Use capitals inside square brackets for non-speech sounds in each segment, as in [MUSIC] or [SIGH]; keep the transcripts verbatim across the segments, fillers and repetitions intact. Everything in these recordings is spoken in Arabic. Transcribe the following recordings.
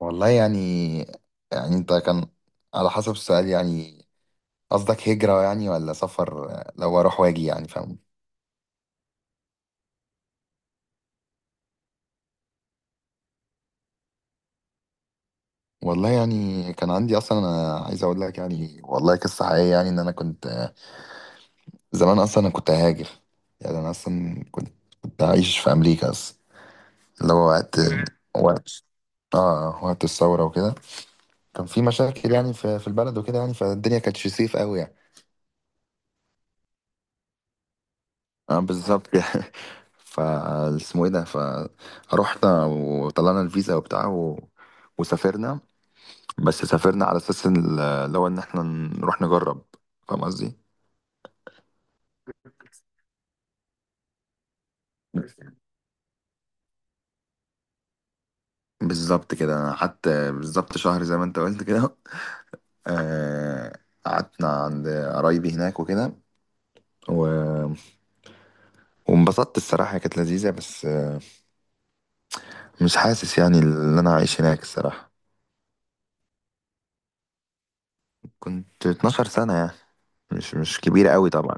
والله يعني يعني انت كان على حسب السؤال يعني قصدك هجرة يعني ولا سفر، آه، لو اروح واجي يعني فاهم. والله يعني كان عندي اصلا، انا عايز اقول لك يعني والله قصة حقيقية، يعني ان انا كنت آه، زمان اصلا انا كنت هاجر. يعني انا اصلا كنت كنت عايش في امريكا اصلا. اللي هو وقت وقت اه وقت الثورة وكده. كان في مشاكل يعني في في البلد وكده يعني، فالدنيا كانتش سيف قوي يعني. اه بالظبط يعني. [LAUGHS] فا اسمه ايه ده، فروحنا وطلعنا الفيزا وبتاع و... وسافرنا. بس سافرنا على اساس ال- اللي هو ان احنا نروح نجرب، فاهم قصدي. بالظبط كده، انا قعدت بالظبط شهر زي ما انت قلت كده. آه، قعدنا عند قرايبي هناك وكده و... وانبسطت، الصراحة كانت لذيذة، بس آه، مش حاسس يعني ان انا عايش هناك الصراحة. كنت اتناشر سنة يعني، مش مش كبيرة قوي طبعا.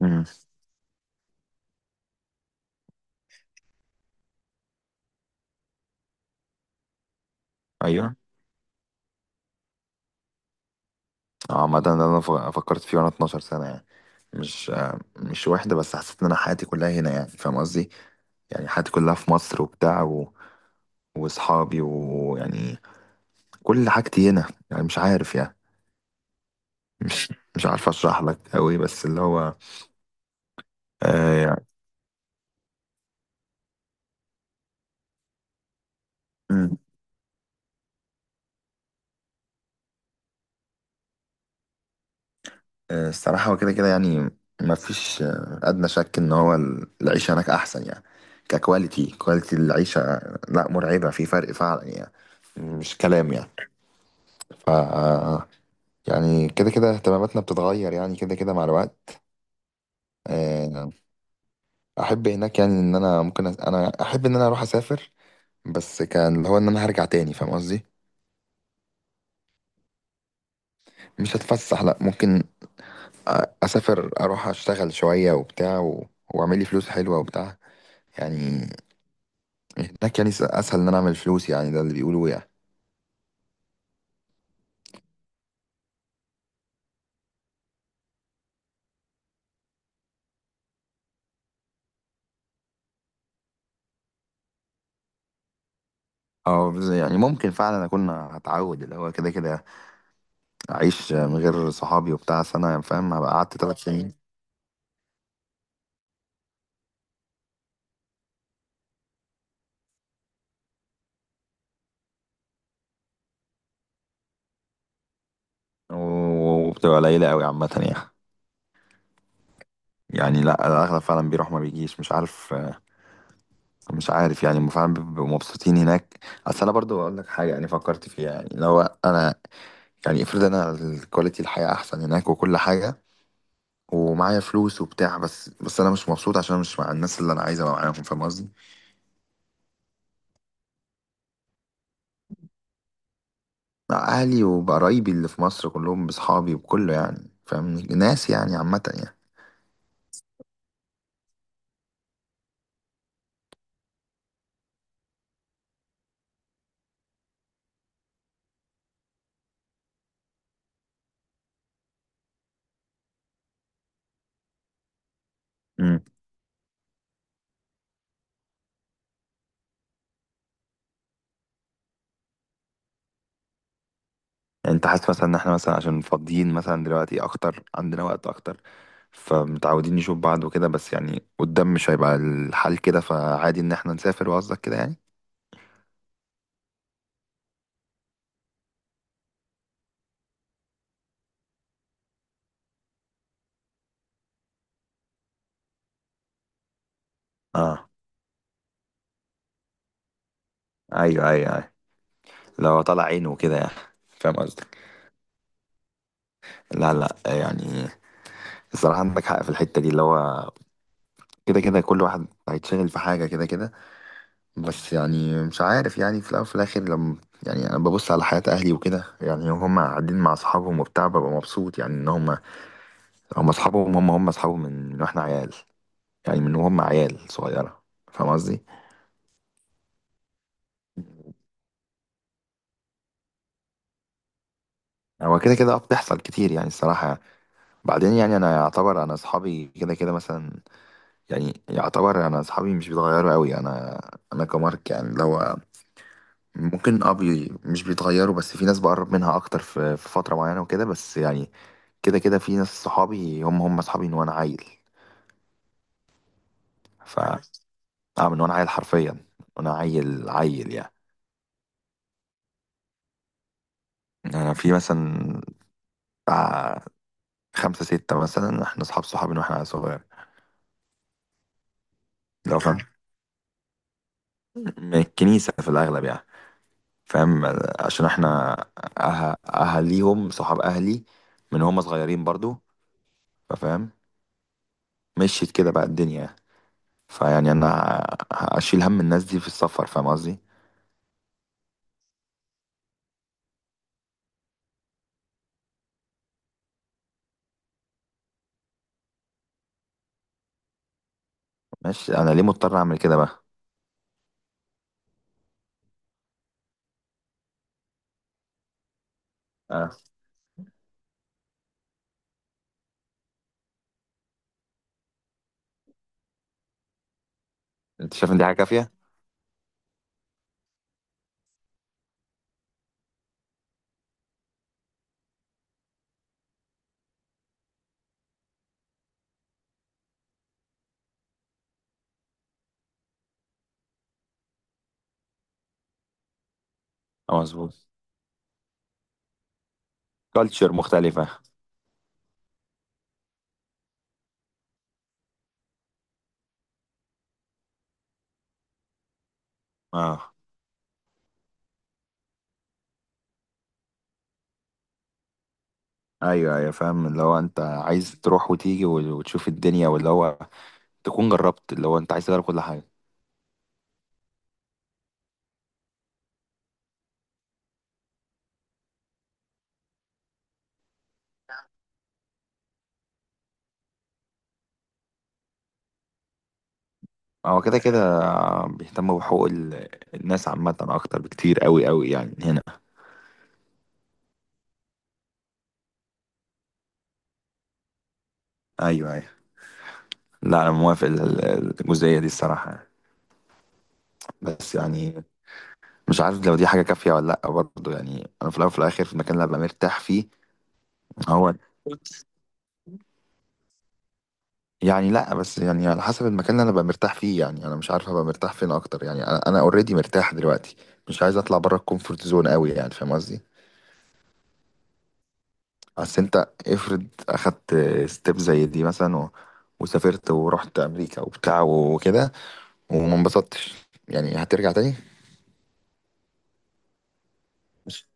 امم ايوه عامة ده انا ف- فكرت فيه وانا اتناشر سنة يعني، مش آه، مش واحدة، بس حسيت ان انا حياتي كلها هنا يعني، فاهم قصدي. يعني حياتي كلها في مصر وبتاع و... واصحابي ويعني كل حاجتي هنا يعني، مش عارف يعني. مش مش عارف اشرح لك قوي، بس اللي هو آه يعني. مم. آه الصراحة هو كده كده يعني، ما فيش آه ادنى شك ان هو ال- العيشة هناك احسن يعني، ككواليتي كواليتي العيشة لا مرعبة، في فرق فعلا يعني، مش كلام يعني. ف يعني كده كده اهتماماتنا بتتغير يعني كده كده مع الوقت. آه، احب هناك يعني ان انا ممكن أس... انا احب ان انا اروح اسافر، بس كان اللي هو ان انا هرجع تاني، فاهم قصدي. مش هتفسح، لا ممكن أ- اسافر، اروح اشتغل شوية وبتاع و... واعمل لي فلوس حلوة وبتاع يعني. هناك يعني س- اسهل ان انا اعمل فلوس يعني، ده اللي بيقولوه يعني. اه بز- يعني ممكن فعلا اكون هتعود، اللي هو كده كده اعيش من غير صحابي وبتاع سنة، فاهم، هبقى قعدت ثلاث سنين. و- وبتبقى قليلة قوي عامة يعني. يعني لا، الاغلب فعلا بيروح ما بيجيش، مش عارف. مش عارف يعني هم فعلا بيبقوا مبسوطين هناك. اصل انا برضو اقول لك حاجه يعني فكرت فيها، يعني لو انا يعني افرض انا الكواليتي الحياه احسن هناك وكل حاجه ومعايا فلوس وبتاع، بس بس انا مش مبسوط عشان أنا مش مع الناس اللي انا عايز ابقى معاهم، فاهم قصدي. مع اهلي وقرايبي اللي في مصر كلهم، باصحابي وكله يعني فاهم، ناس يعني عامه. يعني يعني انت حاسس مثلا ان احنا مثلا عشان فاضيين مثلا دلوقتي اكتر، عندنا وقت اكتر فمتعودين نشوف بعض وكده، بس يعني قدام مش هيبقى الحال كده، فعادي ان احنا نسافر، وقصدك كده يعني. اه. ايوه ايوه ايوه لو طلع عينه وكده يعني، فاهم قصدك. لا لا يعني الصراحة عندك حق في الحتة دي، اللي هو كده كده كل واحد هيتشغل في حاجة كده كده. بس يعني مش عارف يعني، في الأول وفي الآخر لما يعني، أنا ببص على حياة أهلي وكده يعني هم قاعدين مع أصحابهم وبتاع، ببقى مبسوط يعني إن هم هم اصحابهم هم هم اصحابهم من من واحنا عيال، يعني من وهم عيال صغيره، فاهم قصدي. هو كده كده اه بتحصل كتير يعني الصراحه. بعدين يعني انا يعتبر انا اصحابي كده كده مثلا، يعني يعتبر انا اصحابي مش بيتغيروا قوي. انا انا كمارك يعني، لو ممكن اه بي مش بيتغيروا، بس في ناس بقرب منها اكتر في في فتره معينه وكده، بس يعني كده كده في ناس صحابي هم هم اصحابي من وانا عيل. ف اه من وانا عيل حرفيا، وانا عيل عيل يعني. انا في مثلا خمسة ستة مثلا، احنا أصحاب صحاب من واحنا صغير. لو فاهم، اه من الكنيسة في الأغلب يعني، فاهم. عشان احنا أه... أهاليهم صحاب أهلي من هم صغيرين برضو، فاهم. مشيت كده بقى الدنيا. فيعني أنا ه- هشيل هم الناس دي في السفر، فاهم قصدي. ماشي، أنا ليه مضطر أعمل كده بقى؟ أه. أنت شايف إن دي حاجة كافية؟ اه مظبوط، كالتشر مختلفة. اه ايوه ايوه فاهم، اللي هو انت عايز تروح وتيجي و- وتشوف الدنيا، واللي هو تكون جربت اللي هو انت عايز تجرب كل حاجه. هو كده كده بيهتموا بحقوق ال- الناس عامة أكتر بكتير أوي أوي يعني هنا. ايوه ايوه لا أنا موافق ال- ال- الجزئية دي الصراحة يعني. بس يعني مش عارف لو دي حاجة كافية ولا لأ برضه، يعني أنا في الأول وفي الآخر في المكان اللي أبقى مرتاح فيه. هو يعني لأ، بس يعني على حسب المكان اللي أنا أبقى مرتاح فيه، يعني أنا مش عارف أبقى مرتاح فين أكتر، يعني أنا أنا أوريدي مرتاح دلوقتي، مش عايز أطلع بره الكومفورت زون أوي يعني، فاهم قصدي؟ اصل انت افرض اخدت ستيب زي دي مثلا و... وسافرت ورحت امريكا وبتاع وكده وما انبسطتش، يعني هترجع تاني، مش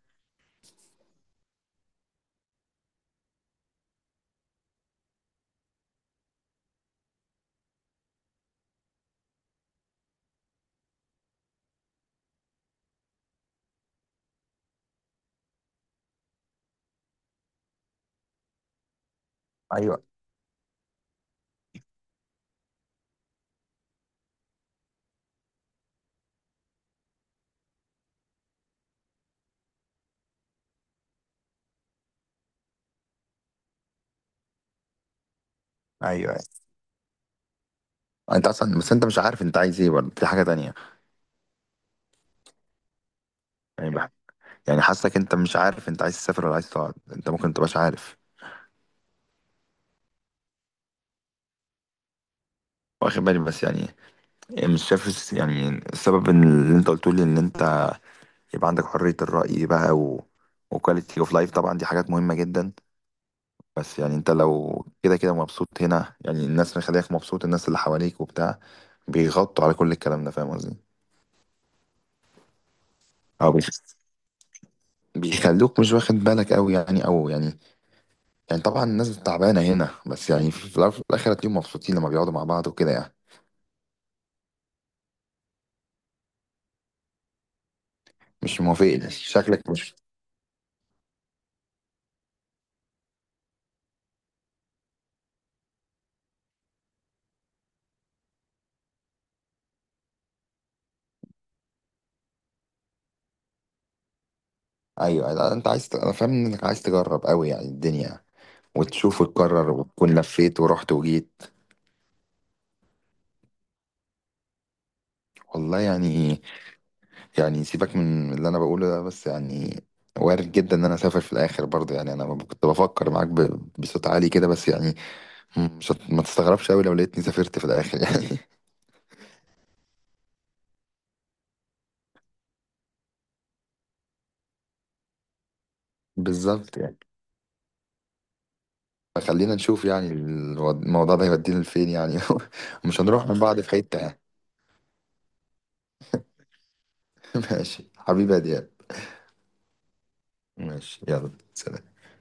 ايوه ايوه انت اصلا، بس انت مش عارف انت عايز ايه برضه، دي حاجه تانية. يعني بح... يعني حاسك انت مش عارف انت عايز تسافر ولا عايز تقعد، انت ممكن متبقاش عارف. واخد بالي، بس يعني إيه، مش شايف الس- يعني السبب، إن اللي انت قلته لي ان انت يبقى عندك حريه الراي بقى و... وكواليتي اوف لايف طبعا، دي حاجات مهمه جدا. بس يعني انت لو كده كده مبسوط هنا يعني، الناس اللي خليك مبسوط الناس اللي حواليك وبتاع بيغطوا على كل الكلام ده، فاهم قصدي. او بيخ- بيخلوك مش واخد بالك قوي يعني، او يعني، يعني طبعا الناس تعبانه هنا، بس يعني في الاول وفي الاخر هتلاقيهم مبسوطين لما بيقعدوا مع بعض وكده يعني. مش موافقني شكلك، مش ايوه. لا، انت عايز ت- انا فاهم انك عايز تجرب قوي يعني الدنيا وتشوف وتكرر، وتكون لفيت ورحت وجيت. والله يعني، يعني سيبك من اللي انا بقوله ده، بس يعني وارد جدا ان انا اسافر في الاخر برضه يعني. انا ب- كنت بفكر معاك ب- بصوت عالي كده، بس يعني مش هت- ما تستغربش قوي لو لقيتني سافرت في الاخر يعني. [LAUGHS] بالظبط يعني. فخلينا نشوف يعني الو- الموضوع ده هيودينا لفين يعني. [LAUGHS] مش هنروح من بعض في حتة يعني. [LAUGHS] ماشي حبيبي يا دياب. ماشي، يلا سلام.